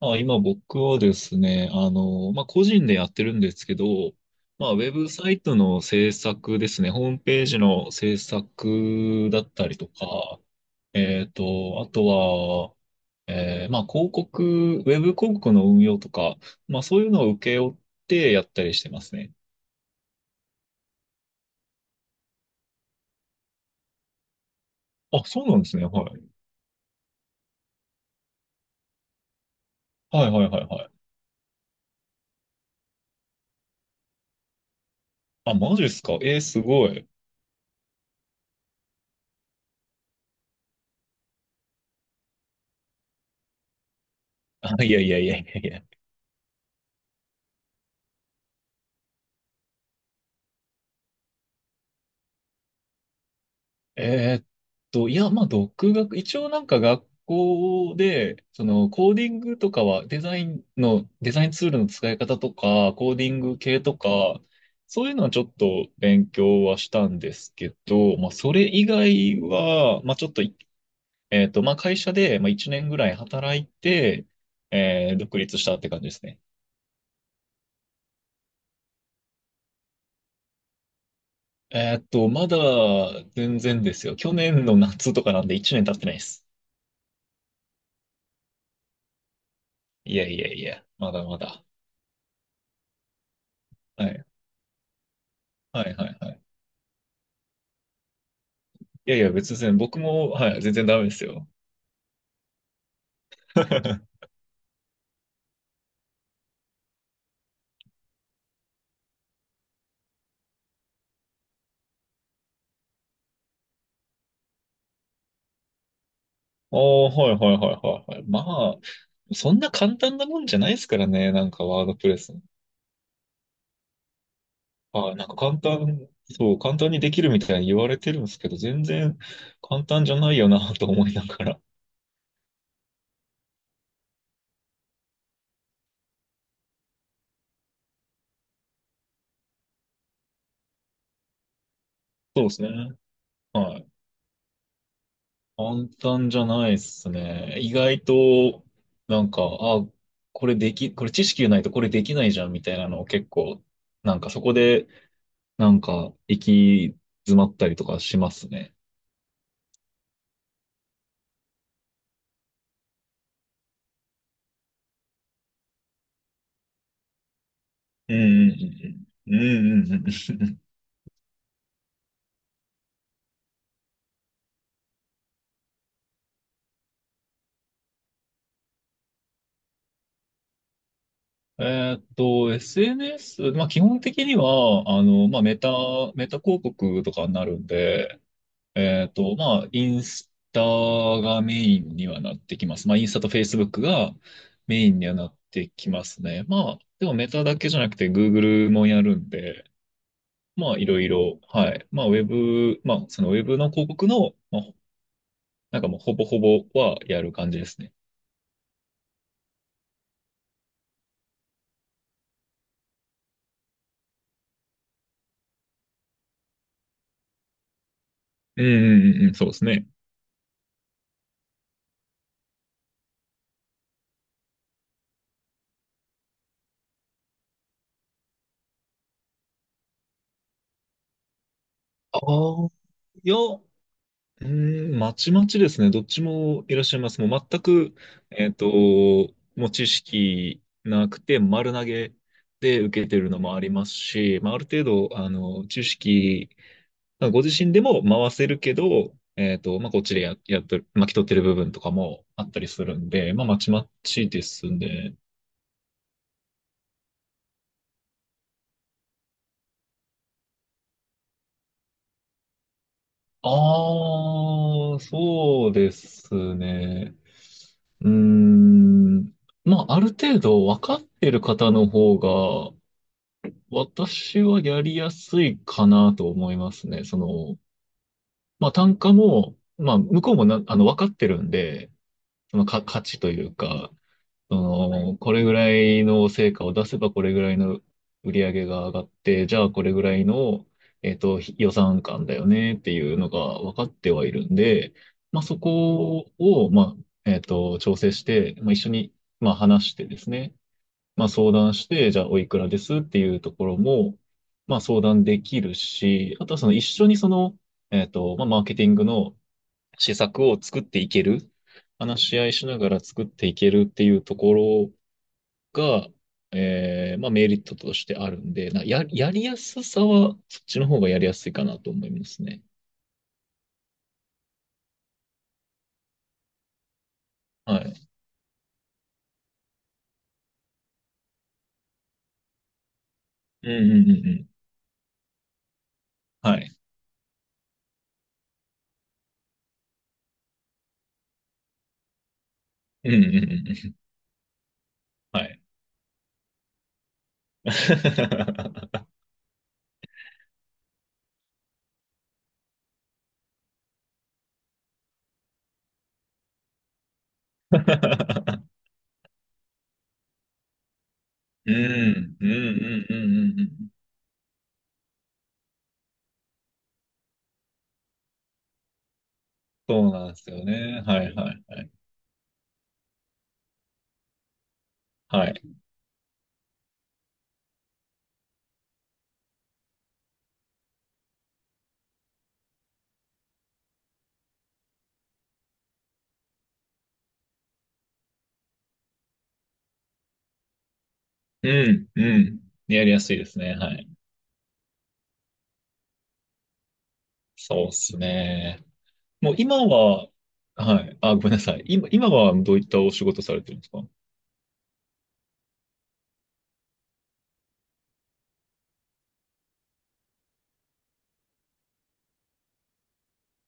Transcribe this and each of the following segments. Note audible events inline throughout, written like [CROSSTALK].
あ、今僕はですね、まあ、個人でやってるんですけど、まあ、ウェブサイトの制作ですね、ホームページの制作だったりとか、あとは、まあ、広告、ウェブ広告の運用とか、まあ、そういうのを請け負ってやったりしてますね。あ、そうなんですね。はい。はいはいはいはい。あ、マジっすか。えーすごい。あ、いやいやいやいやいや。えーっいや、まあ、独学、一応なんか学校で、コーディングとかは、デザインツールの使い方とか、コーディング系とか、そういうのはちょっと勉強はしたんですけど、まあ、それ以外は、まあ、ちょっとい、まあ、会社で、まあ、1年ぐらい働いて、独立したって感じですね。まだ、全然ですよ。去年の夏とかなんで1年経ってないです。いやいやいや、まだまだ。はいはいはいはい。いやいや、別に全然僕も、はい、全然ダメですよ。[LAUGHS] おー、はいはいはいはいはい。まあ、そんな簡単なもんじゃないですからね、なんかワードプレス。はい、なんか簡単、そう、簡単にできるみたいに言われてるんですけど、全然簡単じゃないよなと思いながら。そうですね。はい。簡単じゃないですね。意外と、なんか、あ、これ知識がないとこれできないじゃんみたいなのを結構、なんかそこで行き詰まったりとかしますね。うんうんうんうん。うんうんうん。SNS、まあ基本的には、まあメタ広告とかになるんで、まあインスタがメインにはなってきます。まあインスタとフェイスブックがメインにはなってきますね。まあ、でもメタだけじゃなくて Google もやるんで、まあいろいろ、はい。まあウェブ、まあそのウェブの広告の、まあ、なんかもうほぼほぼはやる感じですね。うんうんうんうん、そうですね。ああ、いや、うーん、まちまちですね。どっちもいらっしゃいます。もう全く、えっと、もう知識なくて丸投げで受けてるのもありますし、まあ、ある程度、知識、まあご自身でも回せるけど、まあ、こっちでやっとる、巻き取ってる部分とかもあったりするんで、まあ、まちまちですね。ああ、そうですね。うーん。まあ、ある程度分かってる方の方が、私はやりやすいかなと思いますね。その、まあ、単価も、まあ、向こうも分かってるんで、そのか、価値というか、その、これぐらいの成果を出せばこれぐらいの売り上げが上がって、じゃあこれぐらいの、予算感だよねっていうのが分かってはいるんで、まあそこを、まあ、調整して、まあ一緒に、まあ話してですね、まあ相談して、じゃあおいくらですっていうところも、まあ相談できるし、あとはその一緒にその、まあマーケティングの施策を作っていける、話し合いしながら作っていけるっていうところが、まあメリットとしてあるんで、やりやすさは、そっちの方がやりやすいかなと思いますね。はい。うんうんうんうん。はい。うんうんうんうん。はい。[LAUGHS] うん、うんうんうんうんうん。そうなんですよね。はいはいはい。はい。うん、うん。やりやすいですね。はい。そうですね。もう今は、はい。あ、ごめんなさい。今はどういったお仕事されてるんですか？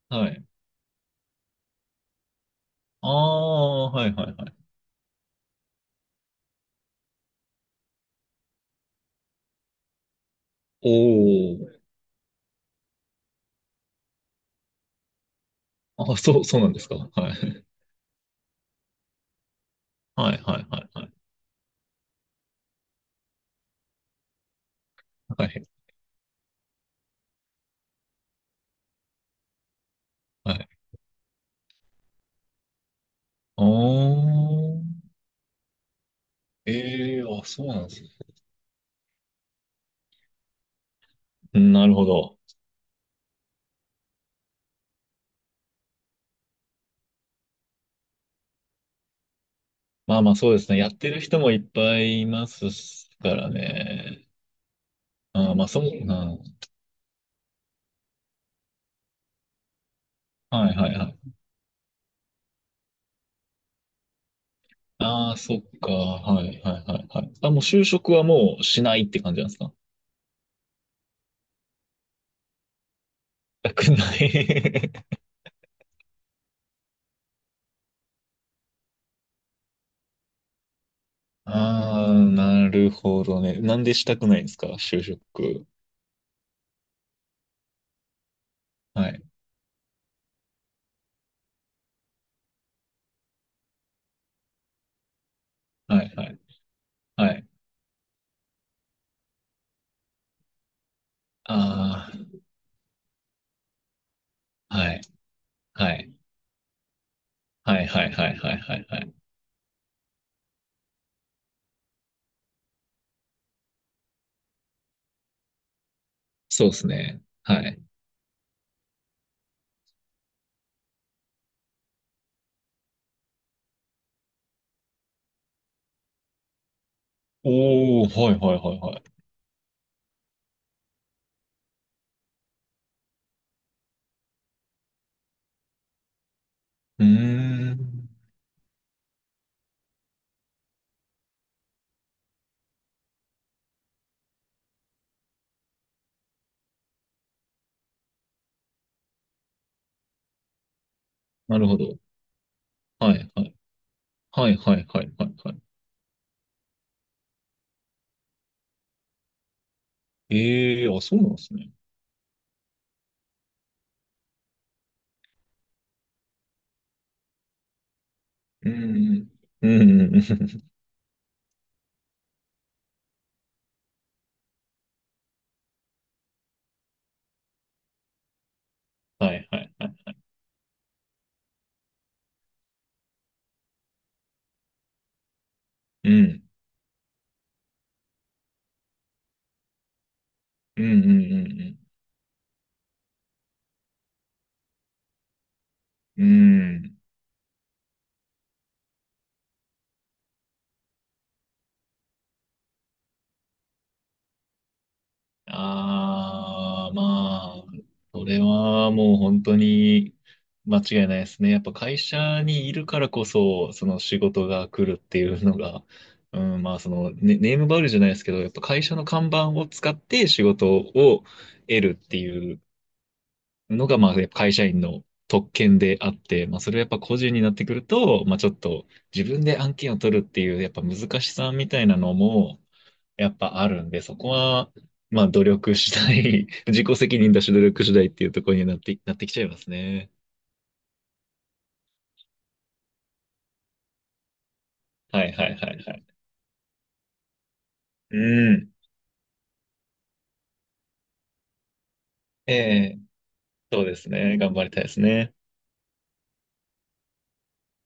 はい。ああ、はいはいはい、おお。あ、そうなんですか。はい。はい、はい、はい、はい。はい、はい。ああ。ええ、あ、そうなんですね。なるほど。まあまあ、そうですね。やってる人もいっぱいいますからね。ああ、まあ、そう、うん、はい、はい、はい。ああ、そっか。はい、はい、はい、はい。あ、もう就職はもうしないって感じなんですか？したくない。 [LAUGHS] ああ、なるほどね。なんでしたくないんですか？就職。はい、はい、はい、はい。ああ。はい。はい。はいはいはいはいはいはい。そうですね。はい。おー、はいはいはいはい。うーん。なるほど。はいはい。はいはいはいはいはい。ええー、あ、そうなんですね。うん。うん。うんうんうん。はいはいはい。うん。うんうんうんうん。うん。ああ、まあ、それはもう本当に間違いないですね。やっぱ会社にいるからこそ、その仕事が来るっていうのが、うん、まあそのネームバリューじゃないですけど、やっぱ会社の看板を使って仕事を得るっていうのが、まあやっぱ会社員の特権であって、まあそれはやっぱ個人になってくると、まあちょっと自分で案件を取るっていう、やっぱ難しさみたいなのも、やっぱあるんで、そこは、まあ努力次第、[LAUGHS] 自己責任だし努力次第っていうところになって、きちゃいますね。はいはいはいはい。うん。ええ、そうですね。頑張りたいですね。